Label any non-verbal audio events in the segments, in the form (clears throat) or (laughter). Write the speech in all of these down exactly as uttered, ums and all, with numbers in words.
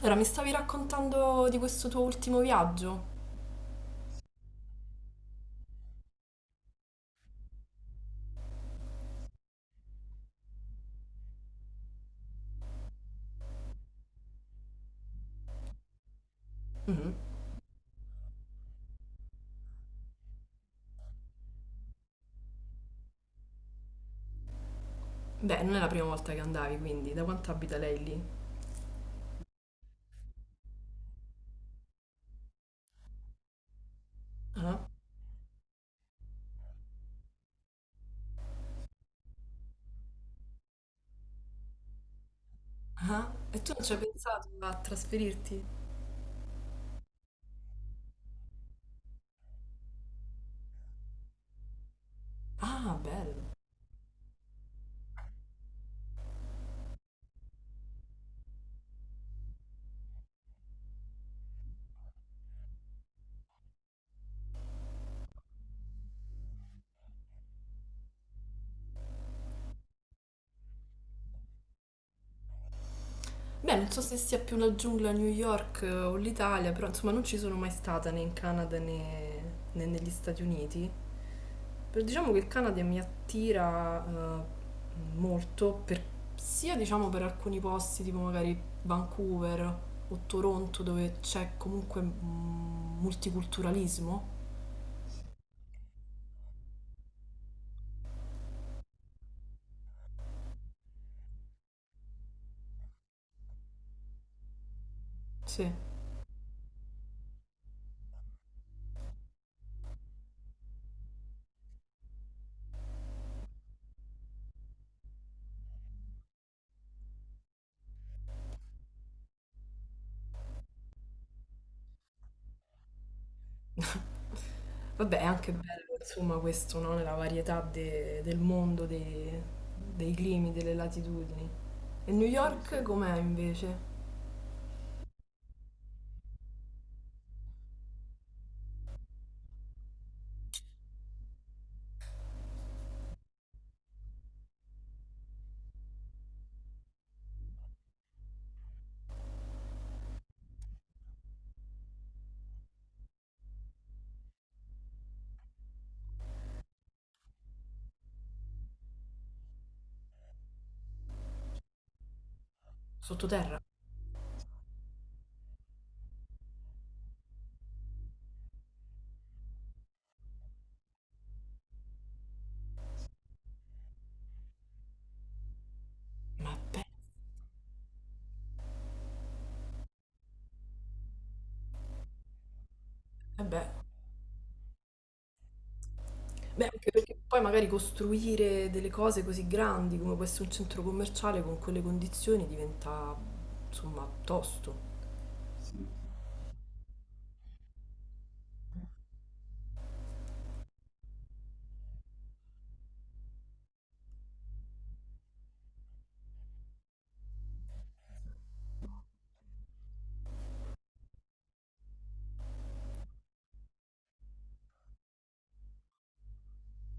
Allora, mi stavi raccontando di questo tuo ultimo viaggio? Mhm. Beh, non è la prima volta che andavi, quindi da quanto abita lei lì? Ah, ah, e tu non ci hai pensato a trasferirti? Ah, bello. Beh, non so se sia più la giungla a New York eh, o l'Italia, però insomma non ci sono mai stata né in Canada né, né negli Stati Uniti. Però diciamo che il Canada mi attira eh, molto, per- sia diciamo per alcuni posti tipo magari Vancouver o Toronto dove c'è comunque mm, multiculturalismo. Sì. Vabbè, è anche bello insomma questo, no? La varietà de- del mondo, dei dei climi, delle latitudini. E New, sì, York sì. Com'è invece? Sottoterra? Ma beh, eh beh, beh, anche perché poi magari costruire delle cose così grandi come può essere un centro commerciale con quelle condizioni diventa, insomma, tosto.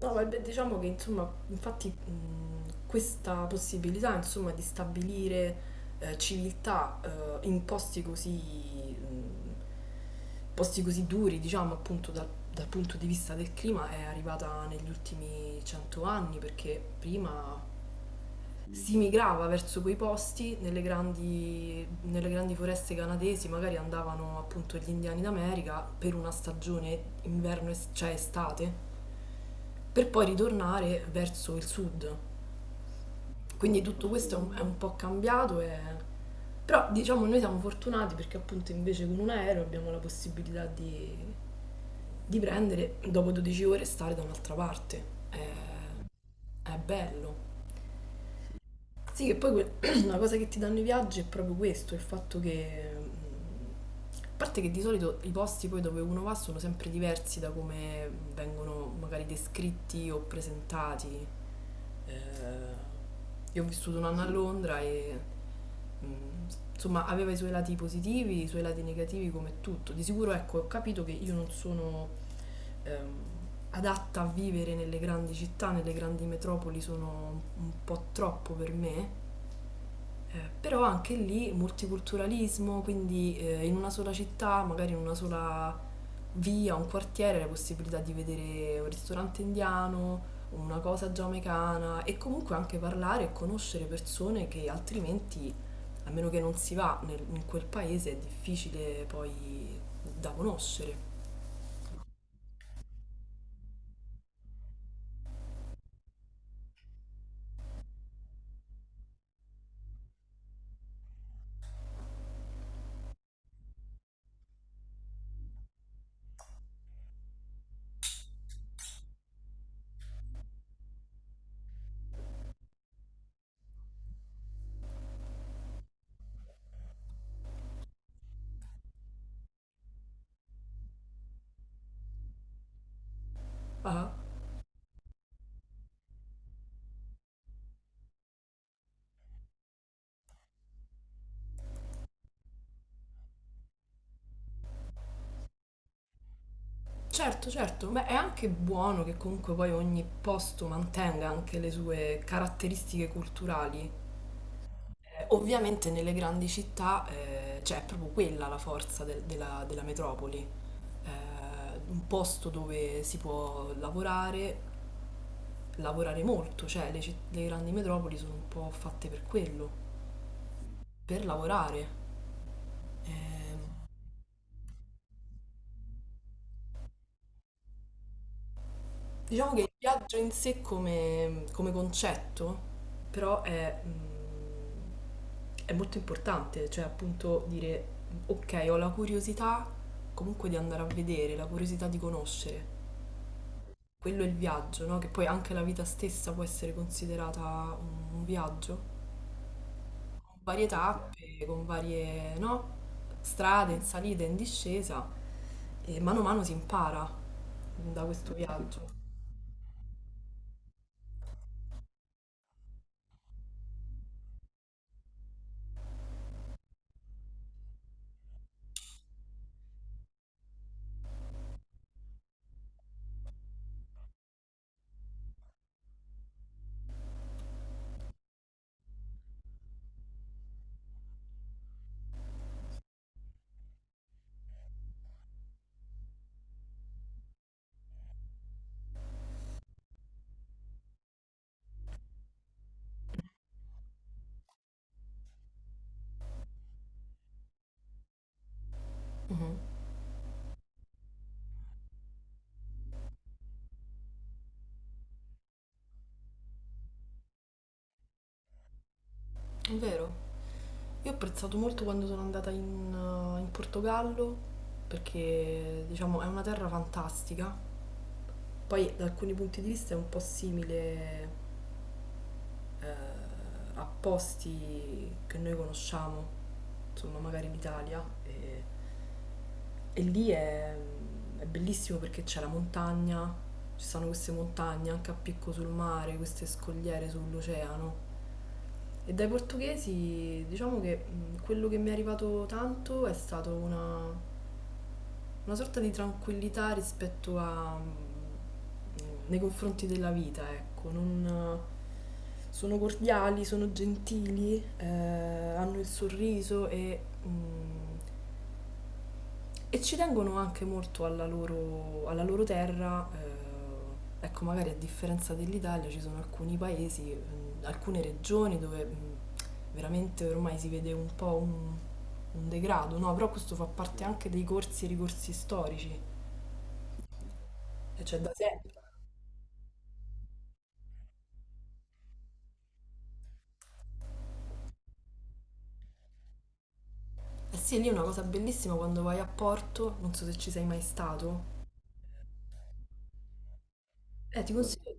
No, ma beh, diciamo che, insomma, infatti mh, questa possibilità, insomma, di stabilire eh, civiltà eh, in posti così, mh, posti così duri, diciamo, appunto dal, dal punto di vista del clima, è arrivata negli ultimi cento anni, perché prima si migrava verso quei posti, nelle grandi, nelle grandi foreste canadesi magari andavano appunto gli indiani d'America per una stagione inverno, es- cioè estate, per poi ritornare verso il sud. Quindi tutto questo è un, è un po' cambiato, e però diciamo noi siamo fortunati perché appunto invece con un aereo abbiamo la possibilità di, di prendere, dopo dodici ore, stare da un'altra parte. È, è bello. Sì, che poi que- (clears throat) la cosa che ti danno i viaggi è proprio questo, il fatto che... mm, A parte che di solito i posti poi dove uno va sono sempre diversi da come vengono magari descritti o presentati. Eh, io ho vissuto un anno a Londra e mm, insomma aveva i suoi lati positivi, i suoi lati negativi come tutto. Di sicuro ecco, ho capito che io non sono ehm, adatta a vivere nelle grandi città, nelle grandi metropoli sono un po' troppo per me eh, però anche lì multiculturalismo, quindi eh, in una sola città, magari in una sola via, un quartiere, la possibilità di vedere un ristorante indiano, una cosa giamaicana e comunque anche parlare e conoscere persone che altrimenti, a meno che non si va nel- in quel paese, è difficile poi da conoscere. Ah, certo, certo, ma è anche buono che comunque poi ogni posto mantenga anche le sue caratteristiche culturali. Ovviamente nelle grandi città eh, cioè, è proprio quella la forza del- della, della metropoli. Eh, un posto dove si può lavorare, lavorare molto, cioè le, citt- le grandi metropoli sono un po' fatte per quello, per lavorare. Ehm, diciamo che il viaggio in sé come, come concetto però è, mm, è molto importante, cioè appunto dire ok ho la curiosità comunque di andare a vedere, la curiosità di conoscere. Quello è il viaggio, no? Che poi anche la vita stessa può essere considerata un viaggio, con varie tappe, con varie, no? Strade, in salita, in discesa, e mano a mano si impara da questo viaggio. Mhm. È vero. Io ho apprezzato molto quando sono andata in, eh, in Portogallo, perché diciamo è una terra fantastica. Poi da alcuni punti di vista è un po' simile eh, a posti che noi conosciamo, insomma magari in Italia, e, e lì è, è bellissimo perché c'è la montagna, ci sono queste montagne anche a picco sul mare, queste scogliere sull'oceano. E dai portoghesi diciamo che mh, quello che mi è arrivato tanto è stato una, una sorta di tranquillità rispetto a mm, nei confronti della vita, ecco, non eh, sono cordiali, sono gentili, eh, hanno il sorriso e, mm, e ci tengono anche molto alla loro, alla loro terra. Eh, ecco, magari a differenza dell'Italia ci sono alcuni paesi, mm, alcune regioni dove mm, veramente ormai si vede un po' un, un degrado, no? Però questo fa parte anche dei corsi e ricorsi storici. E c'è da sempre. Eh sì, lì è una cosa bellissima quando vai a Porto, non so se ci sei mai stato. Eh, ti consiglio.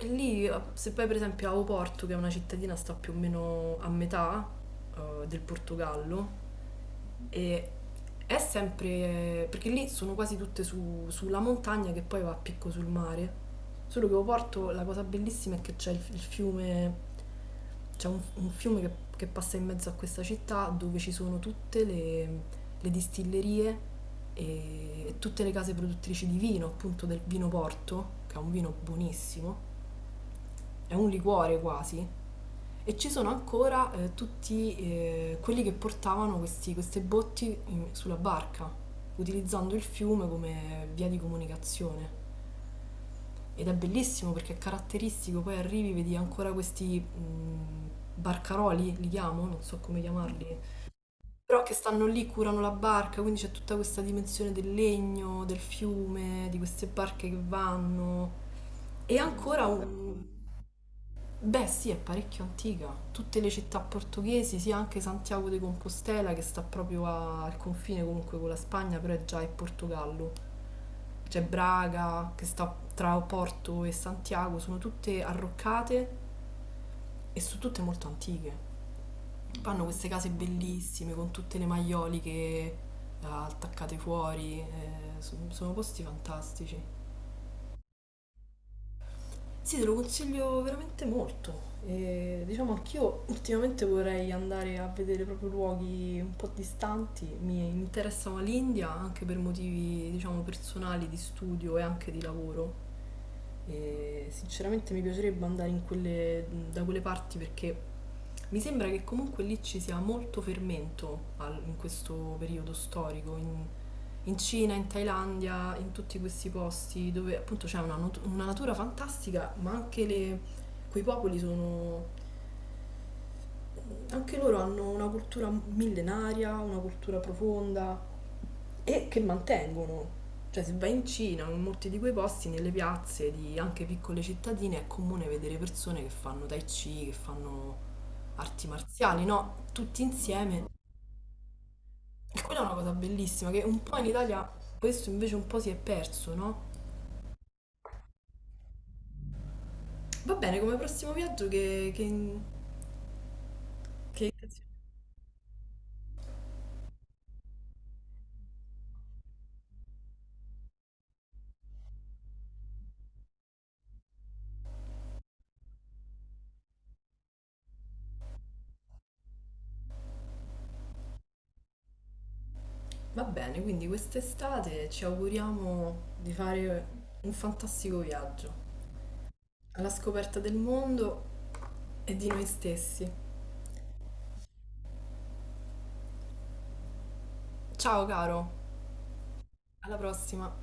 E lì, eh, se vai per esempio a Oporto, che è una cittadina sta più o meno a metà eh, del Portogallo, e è sempre, perché lì sono quasi tutte su- sulla montagna che poi va a picco sul mare. Solo che Oporto la cosa bellissima è che c'è il, il fiume, c'è un, un fiume che, che passa in mezzo a questa città dove ci sono tutte le, le distillerie e, e tutte le case produttrici di vino, appunto del vino Porto, che è un vino buonissimo, è un liquore quasi, e ci sono ancora eh, tutti eh, quelli che portavano questi- queste botti in- sulla barca, utilizzando il fiume come via di comunicazione. Ed è bellissimo perché è caratteristico, poi arrivi, vedi ancora questi mh, barcaroli, li chiamo, non so come chiamarli, però che stanno lì, curano la barca, quindi c'è tutta questa dimensione del legno, del fiume, di queste barche che vanno. E ancora un, beh, sì, è parecchio antica. Tutte le città portoghesi, sì, anche Santiago de Compostela che sta proprio a- al confine comunque con la Spagna, però è già in Portogallo. C'è Braga che sta tra Porto e Santiago, sono tutte arroccate e sono tutte molto antiche. Hanno queste case bellissime con tutte le maioliche eh, attaccate fuori, eh, so- sono posti fantastici. Sì, te lo consiglio veramente molto. E diciamo anch'io ultimamente vorrei andare a vedere proprio luoghi un po' distanti. Mi interessava l'India anche per motivi, diciamo, personali, di studio e anche di lavoro. E sinceramente mi piacerebbe andare in quelle- da quelle parti perché mi sembra che comunque lì ci sia molto fermento al- in questo periodo storico, in, in Cina, in Thailandia, in tutti questi posti dove appunto c'è una, not- una natura fantastica, ma anche le- quei popoli sono anche loro hanno una cultura millenaria, una cultura profonda e che mantengono. Cioè, se vai in Cina, in molti di quei posti, nelle piazze di anche piccole cittadine, è comune vedere persone che fanno tai chi, che fanno arti marziali, no? Tutti insieme. E quella è una cosa bellissima che un po' in Italia questo invece un po' si è perso, no? Va bene, come prossimo viaggio che... che, che... Va bene, quindi quest'estate ci auguriamo di fare un fantastico viaggio alla scoperta del mondo e di noi stessi. Ciao caro, alla prossima!